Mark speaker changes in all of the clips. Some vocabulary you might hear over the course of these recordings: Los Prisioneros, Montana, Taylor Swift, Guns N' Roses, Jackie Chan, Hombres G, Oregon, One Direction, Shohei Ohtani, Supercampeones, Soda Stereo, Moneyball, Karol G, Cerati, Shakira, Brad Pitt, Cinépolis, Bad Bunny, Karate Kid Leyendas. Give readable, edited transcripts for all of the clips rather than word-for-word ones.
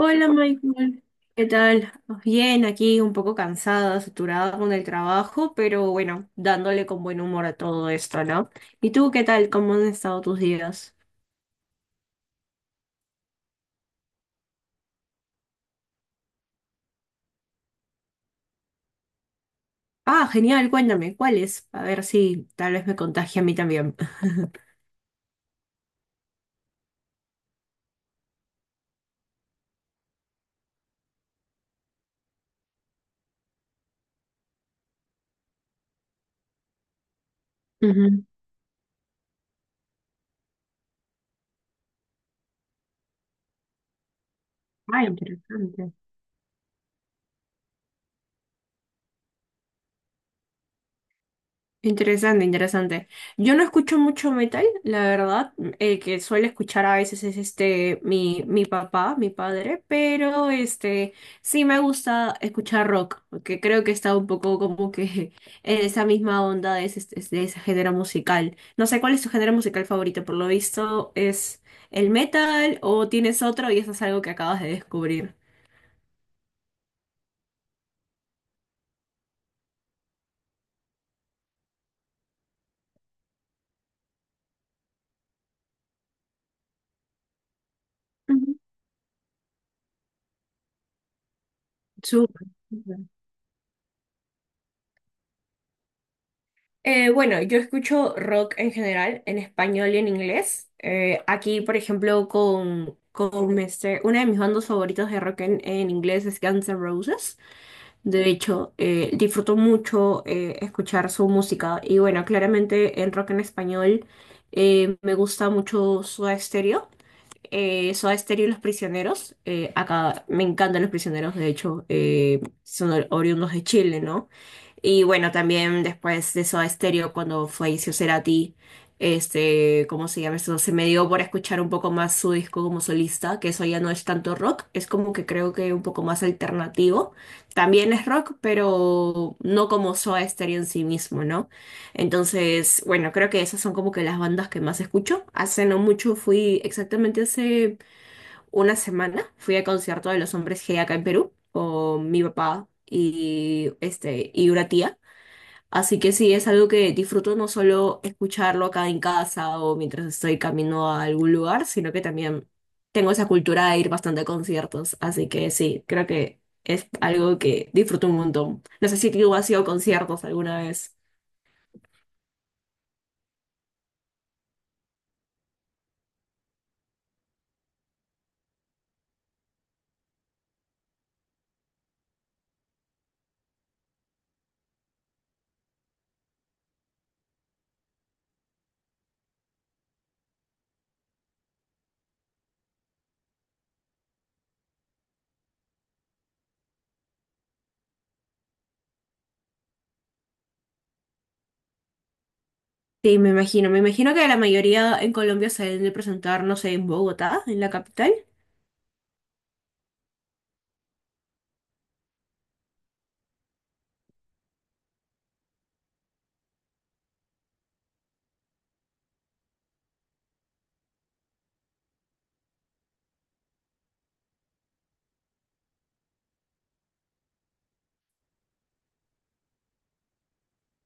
Speaker 1: Hola Michael, ¿qué tal? Bien, aquí un poco cansada, saturada con el trabajo, pero bueno, dándole con buen humor a todo esto, ¿no? ¿Y tú qué tal? ¿Cómo han estado tus días? Ah, genial, cuéntame, ¿cuáles? A ver si tal vez me contagie a mí también. Ujú. Ah, interesante. Interesante, interesante. Yo no escucho mucho metal, la verdad. El que suele escuchar a veces es este mi papá, mi padre, pero este sí me gusta escuchar rock, porque creo que está un poco como que en esa misma onda de ese, género musical. No sé cuál es tu género musical favorito, por lo visto es el metal o tienes otro y eso es algo que acabas de descubrir. Ujú. Súper. Bueno, yo escucho rock en general, en español y en inglés. Aquí, por ejemplo, con una de mis bandas favoritas de rock en inglés es Guns N' Roses. De hecho, disfruto mucho escuchar su música. Y bueno, claramente en rock en español me gusta mucho Soda Stereo, Soda Stereo y Los Prisioneros. Acá me encantan Los Prisioneros, de hecho, son oriundos de Chile, ¿no? Y bueno, también después de Soda Stereo, cuando falleció Cerati, este, ¿cómo se llama eso? Se me dio por escuchar un poco más su disco como solista, que eso ya no es tanto rock, es como que creo que un poco más alternativo. También es rock, pero no como Soda Stereo en sí mismo, ¿no? Entonces, bueno, creo que esas son como que las bandas que más escucho. Hace no mucho fui, exactamente hace una semana, fui al concierto de los Hombres G acá en Perú con mi papá y este y una tía. Así que sí, es algo que disfruto no solo escucharlo acá en casa o mientras estoy camino a algún lugar, sino que también tengo esa cultura de ir bastante a conciertos. Así que sí, creo que es algo que disfruto un montón. No sé si tú has ido a conciertos alguna vez. Sí, me imagino. Me imagino que la mayoría en Colombia se deben de presentar, no sé, en Bogotá, en la capital.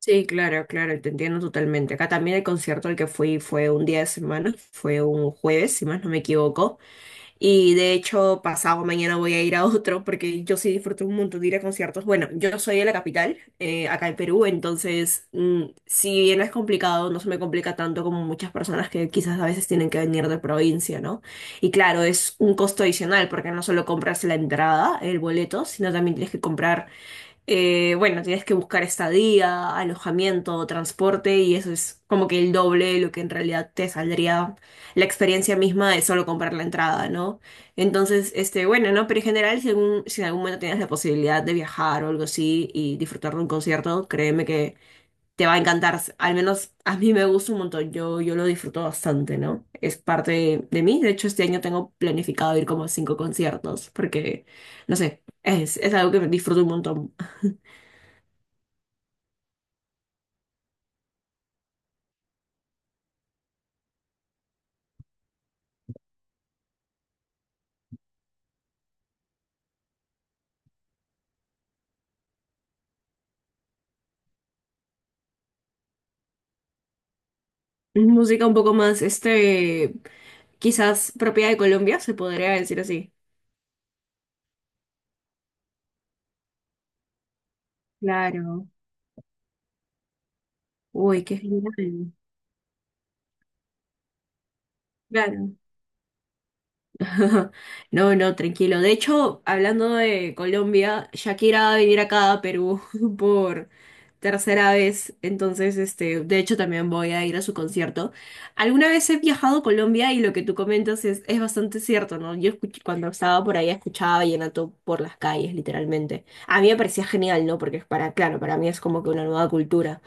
Speaker 1: Sí, claro, claro, te entiendo totalmente. Acá también el concierto al que fui fue un día de semana, fue un jueves, si más no me equivoco. Y de hecho, pasado mañana voy a ir a otro porque yo sí disfruto un montón de ir a conciertos. Bueno, yo soy de la capital, acá en Perú, entonces, si bien es complicado, no se me complica tanto como muchas personas que quizás a veces tienen que venir de provincia, ¿no? Y claro, es un costo adicional porque no solo compras la entrada, el boleto, sino también tienes que comprar, bueno, tienes que buscar estadía, alojamiento, transporte y eso es como que el doble de lo que en realidad te saldría la experiencia misma de solo comprar la entrada, ¿no? Entonces, este, bueno, ¿no? Pero en general, si en algún momento tienes la posibilidad de viajar o algo así y disfrutar de un concierto, créeme que te va a encantar. Al menos a mí me gusta un montón, yo lo disfruto bastante, ¿no? Es parte de mí. De hecho, este año tengo planificado ir como a cinco conciertos porque, no sé, es algo que disfruto un montón. Música un poco más, este, quizás propia de Colombia, se podría decir así. Claro. Uy, qué genial. Claro. No, no, tranquilo. De hecho, hablando de Colombia, Shakira va a venir acá a Perú por tercera vez. Entonces, este, de hecho, también voy a ir a su concierto. Alguna vez he viajado a Colombia y lo que tú comentas es bastante cierto, ¿no? Cuando estaba por ahí escuchaba vallenato por las calles, literalmente. A mí me parecía genial, ¿no? Porque es para, claro, para mí es como que una nueva cultura,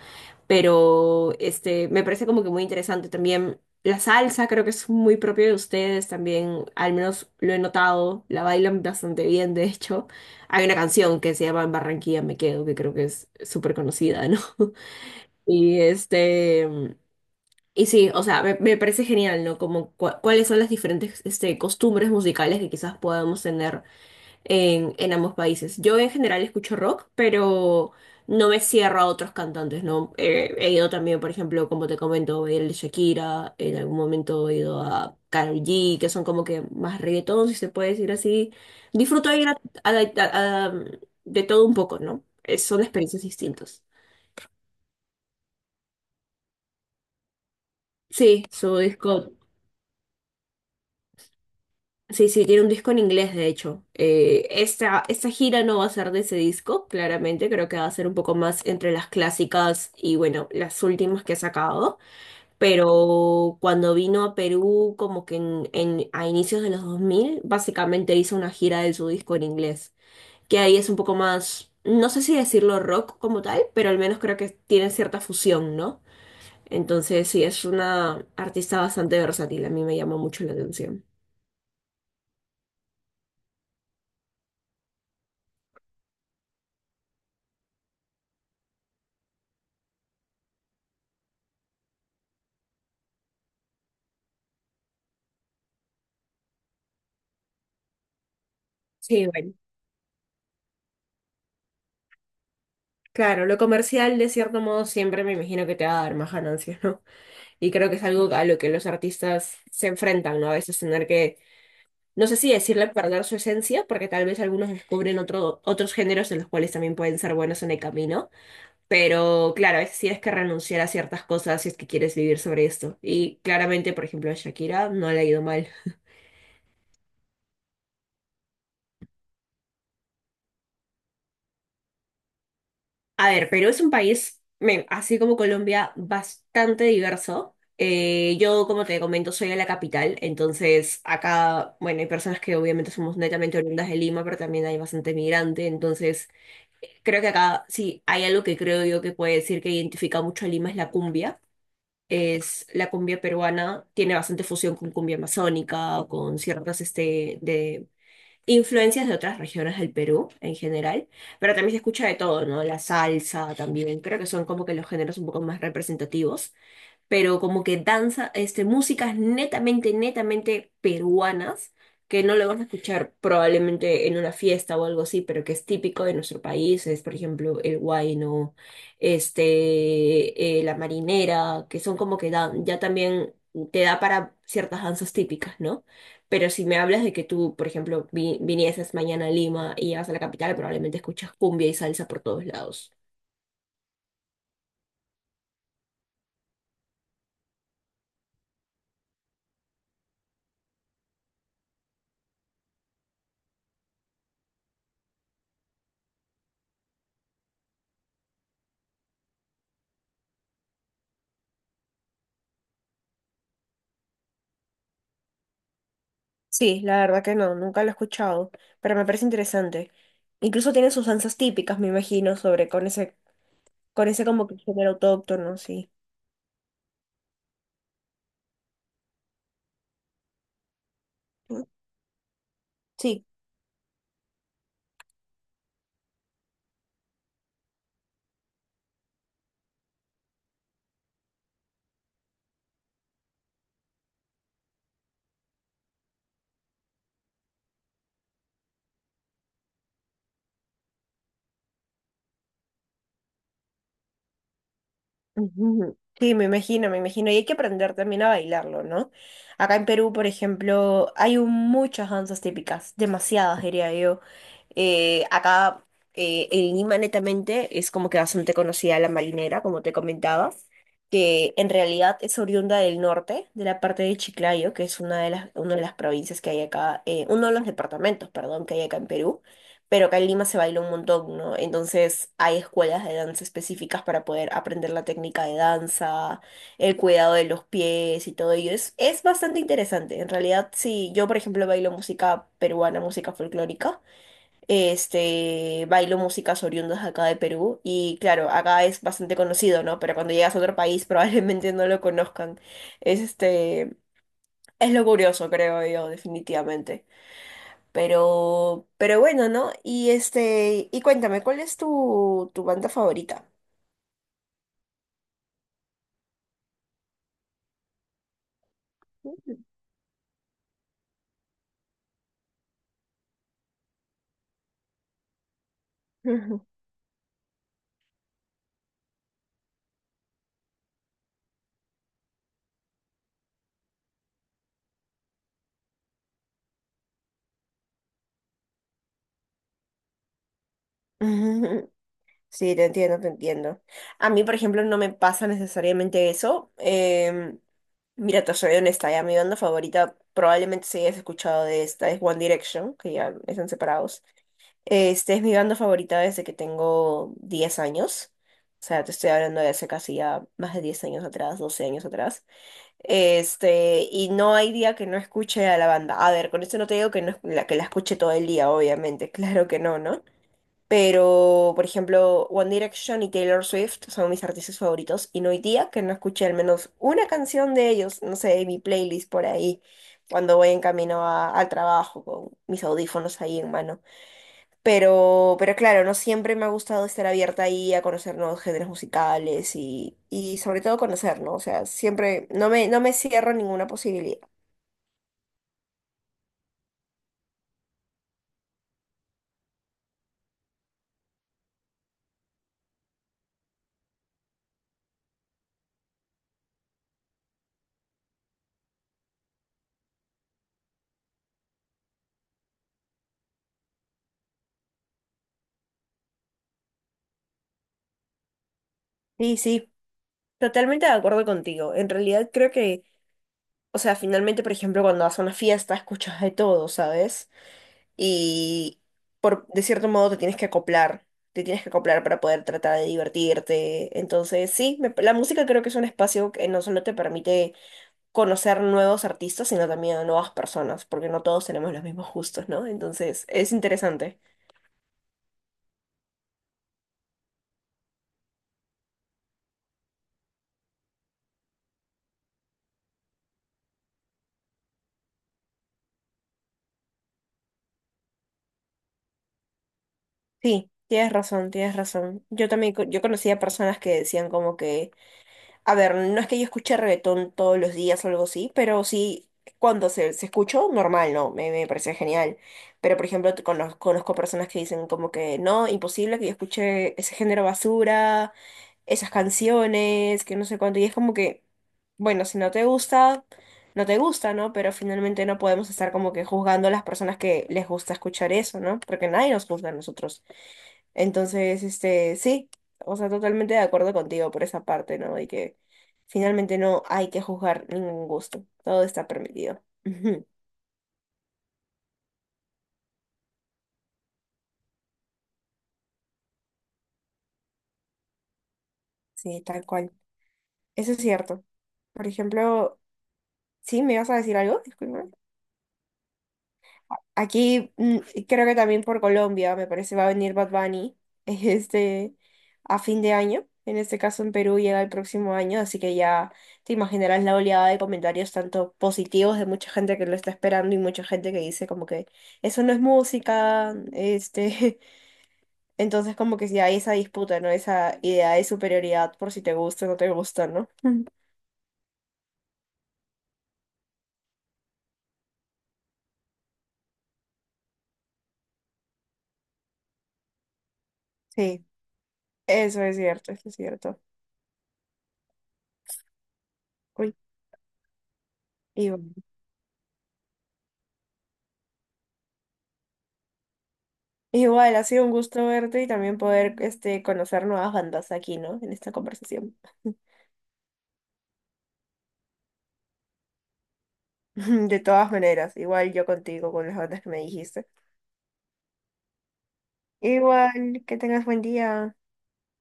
Speaker 1: pero este, me parece como que muy interesante también. La salsa creo que es muy propio de ustedes también, al menos lo he notado, la bailan bastante bien, de hecho. Hay una canción que se llama En Barranquilla me quedo, que creo que es súper conocida, ¿no? Y este, y sí, o sea, me parece genial, ¿no? Como cuáles son las diferentes este, costumbres musicales que quizás podamos tener en ambos países. Yo en general escucho rock, pero no me cierro a otros cantantes, ¿no? He ido también, por ejemplo, como te comento, he ido a Shakira, en algún momento he ido a Karol G, que son como que más reggaetón, si se puede decir así. Disfruto de ir a- a- a- de todo un poco, ¿no? Son experiencias distintas. Sí, su disco. Sí, sí, tiene un disco en inglés, de hecho. Esta gira no va a ser de ese disco, claramente. Creo que va a ser un poco más entre las clásicas y, bueno, las últimas que ha sacado. Pero cuando vino a Perú, como que a inicios de los 2000 básicamente hizo una gira de su disco en inglés. Que ahí es un poco más, no sé si decirlo rock como tal, pero al menos creo que tiene cierta fusión, ¿no? Entonces, sí, es una artista bastante versátil. A mí me llama mucho la atención. Sí, bueno. Claro, lo comercial de cierto modo siempre me imagino que te va a dar más ganancias, ¿no? Y creo que es algo a lo que los artistas se enfrentan, ¿no? A veces tener que, no sé si decirle perder su esencia, porque tal vez algunos descubren otros géneros en los cuales también pueden ser buenos en el camino, pero claro, a veces sí es que renunciar a ciertas cosas si es que quieres vivir sobre esto. Y claramente, por ejemplo, a Shakira no le ha ido mal. A ver, Perú es un país, men, así como Colombia, bastante diverso. Yo, como te comento, soy de la capital, entonces acá, bueno, hay personas que obviamente somos netamente oriundas de Lima, pero también hay bastante migrante, entonces creo que acá sí hay algo que creo yo que puede decir que identifica mucho a Lima es la cumbia. Es la cumbia peruana, tiene bastante fusión con cumbia amazónica, con ciertas este, de influencias de otras regiones del Perú en general, pero también se escucha de todo, ¿no? La salsa también, creo que son como que los géneros un poco más representativos, pero como que danza, este, músicas netamente, netamente peruanas, que no lo van a escuchar probablemente en una fiesta o algo así, pero que es típico de nuestro país, es por ejemplo el huayno, este, la marinera, que son como que dan, ya también te da para ciertas danzas típicas, ¿no? Pero si me hablas de que tú, por ejemplo, vinieses mañana a Lima y llegas a la capital, probablemente escuchas cumbia y salsa por todos lados. Sí, la verdad que no, nunca lo he escuchado, pero me parece interesante. Incluso tiene sus danzas típicas, me imagino, sobre con ese, como que género autóctono, sí. Mm, sí. Ujú. Sí, me imagino, me imagino. Y hay que aprender también a bailarlo, ¿no? Acá en Perú, por ejemplo, muchas danzas típicas, demasiadas, diría yo. Acá, en Lima, netamente, es como que bastante conocida la marinera, como te comentaba, que en realidad es oriunda del norte, de la parte de Chiclayo, que es una de las provincias que hay acá, uno de los departamentos, perdón, que hay acá en Perú, pero acá en Lima se baila un montón, ¿no? Entonces hay escuelas de danza específicas para poder aprender la técnica de danza, el cuidado de los pies y todo ello. Es bastante interesante. En realidad, sí, yo, por ejemplo, bailo música peruana, música folclórica. Este, bailo músicas oriundas acá de Perú y claro, acá es bastante conocido, ¿no? Pero cuando llegas a otro país probablemente no lo conozcan. Es este, es lo curioso, creo yo, definitivamente. Pero bueno, ¿no? Y este, y cuéntame, ¿cuál es tu banda favorita? Ujú. Ujú. Sí, te entiendo, te entiendo. A mí, por ejemplo, no me pasa necesariamente eso. Mira, te soy honesta, ya mi banda favorita, probablemente si hayas escuchado de esta, es One Direction, que ya están separados. Este es mi banda favorita desde que tengo 10 años. O sea, te estoy hablando de hace casi ya más de 10 años atrás, 12 años atrás. Este, y no hay día que no escuche a la banda. A ver, con esto no te digo que, no, que la escuche todo el día, obviamente, claro que no, ¿no? Pero, por ejemplo, One Direction y Taylor Swift son mis artistas favoritos y no hay día que no escuche al menos una canción de ellos, no sé, en mi playlist por ahí, cuando voy en camino al trabajo con mis audífonos ahí en mano. Pero claro, no siempre me ha gustado estar abierta ahí a conocer nuevos géneros musicales y sobre todo conocer, ¿no? O sea, siempre no me cierro a ninguna posibilidad. Sí, sí, totalmente de acuerdo contigo. En realidad creo que... O sea, finalmente, por ejemplo, cuando vas a una fiesta, escuchas de todo, ¿sabes? Y por, de cierto modo te tienes que acoplar para poder tratar de divertirte. Entonces, sí, la música creo que es un espacio que no solo te permite conocer nuevos artistas, sino también a nuevas personas, porque no todos tenemos los mismos gustos, ¿no? Entonces, es interesante. Sí, tienes razón, tienes razón. Yo también, yo conocía personas que decían como que... A ver, no es que yo escuche reggaetón todos los días o algo así, pero sí, cuando se escuchó, normal, ¿no? Me parece genial. Pero, por ejemplo, conozco personas que dicen como que no, imposible que yo escuche ese género basura, esas canciones, que no sé cuánto. Y es como que, bueno, si no te gusta, no te gusta, ¿no? Pero finalmente no podemos estar como que juzgando a las personas que les gusta escuchar eso, ¿no? Porque nadie nos juzga a nosotros. Entonces, este, sí, o sea, totalmente de acuerdo contigo por esa parte, ¿no? Y que finalmente no hay que juzgar ningún gusto, todo está permitido. Ujú, sí, tal cual. Eso es cierto. Por ejemplo, ¿sí me vas a decir algo? Disculpa. Aquí creo que también por Colombia, me parece, va a venir Bad Bunny este, a fin de año. En este caso en Perú llega el próximo año, así que ya te imaginarás la oleada de comentarios tanto positivos de mucha gente que lo está esperando y mucha gente que dice como que eso no es música, este, entonces como que ya hay esa disputa, ¿no? Esa idea de superioridad por si te gusta o no te gusta, ¿no? Sí, eso es cierto, eso es cierto. Uy, y bueno. Igual, ha sido un gusto verte y también poder este, conocer nuevas bandas aquí, ¿no? En esta conversación. De todas maneras, igual yo contigo, con las bandas que me dijiste. Igual, que tengas buen día.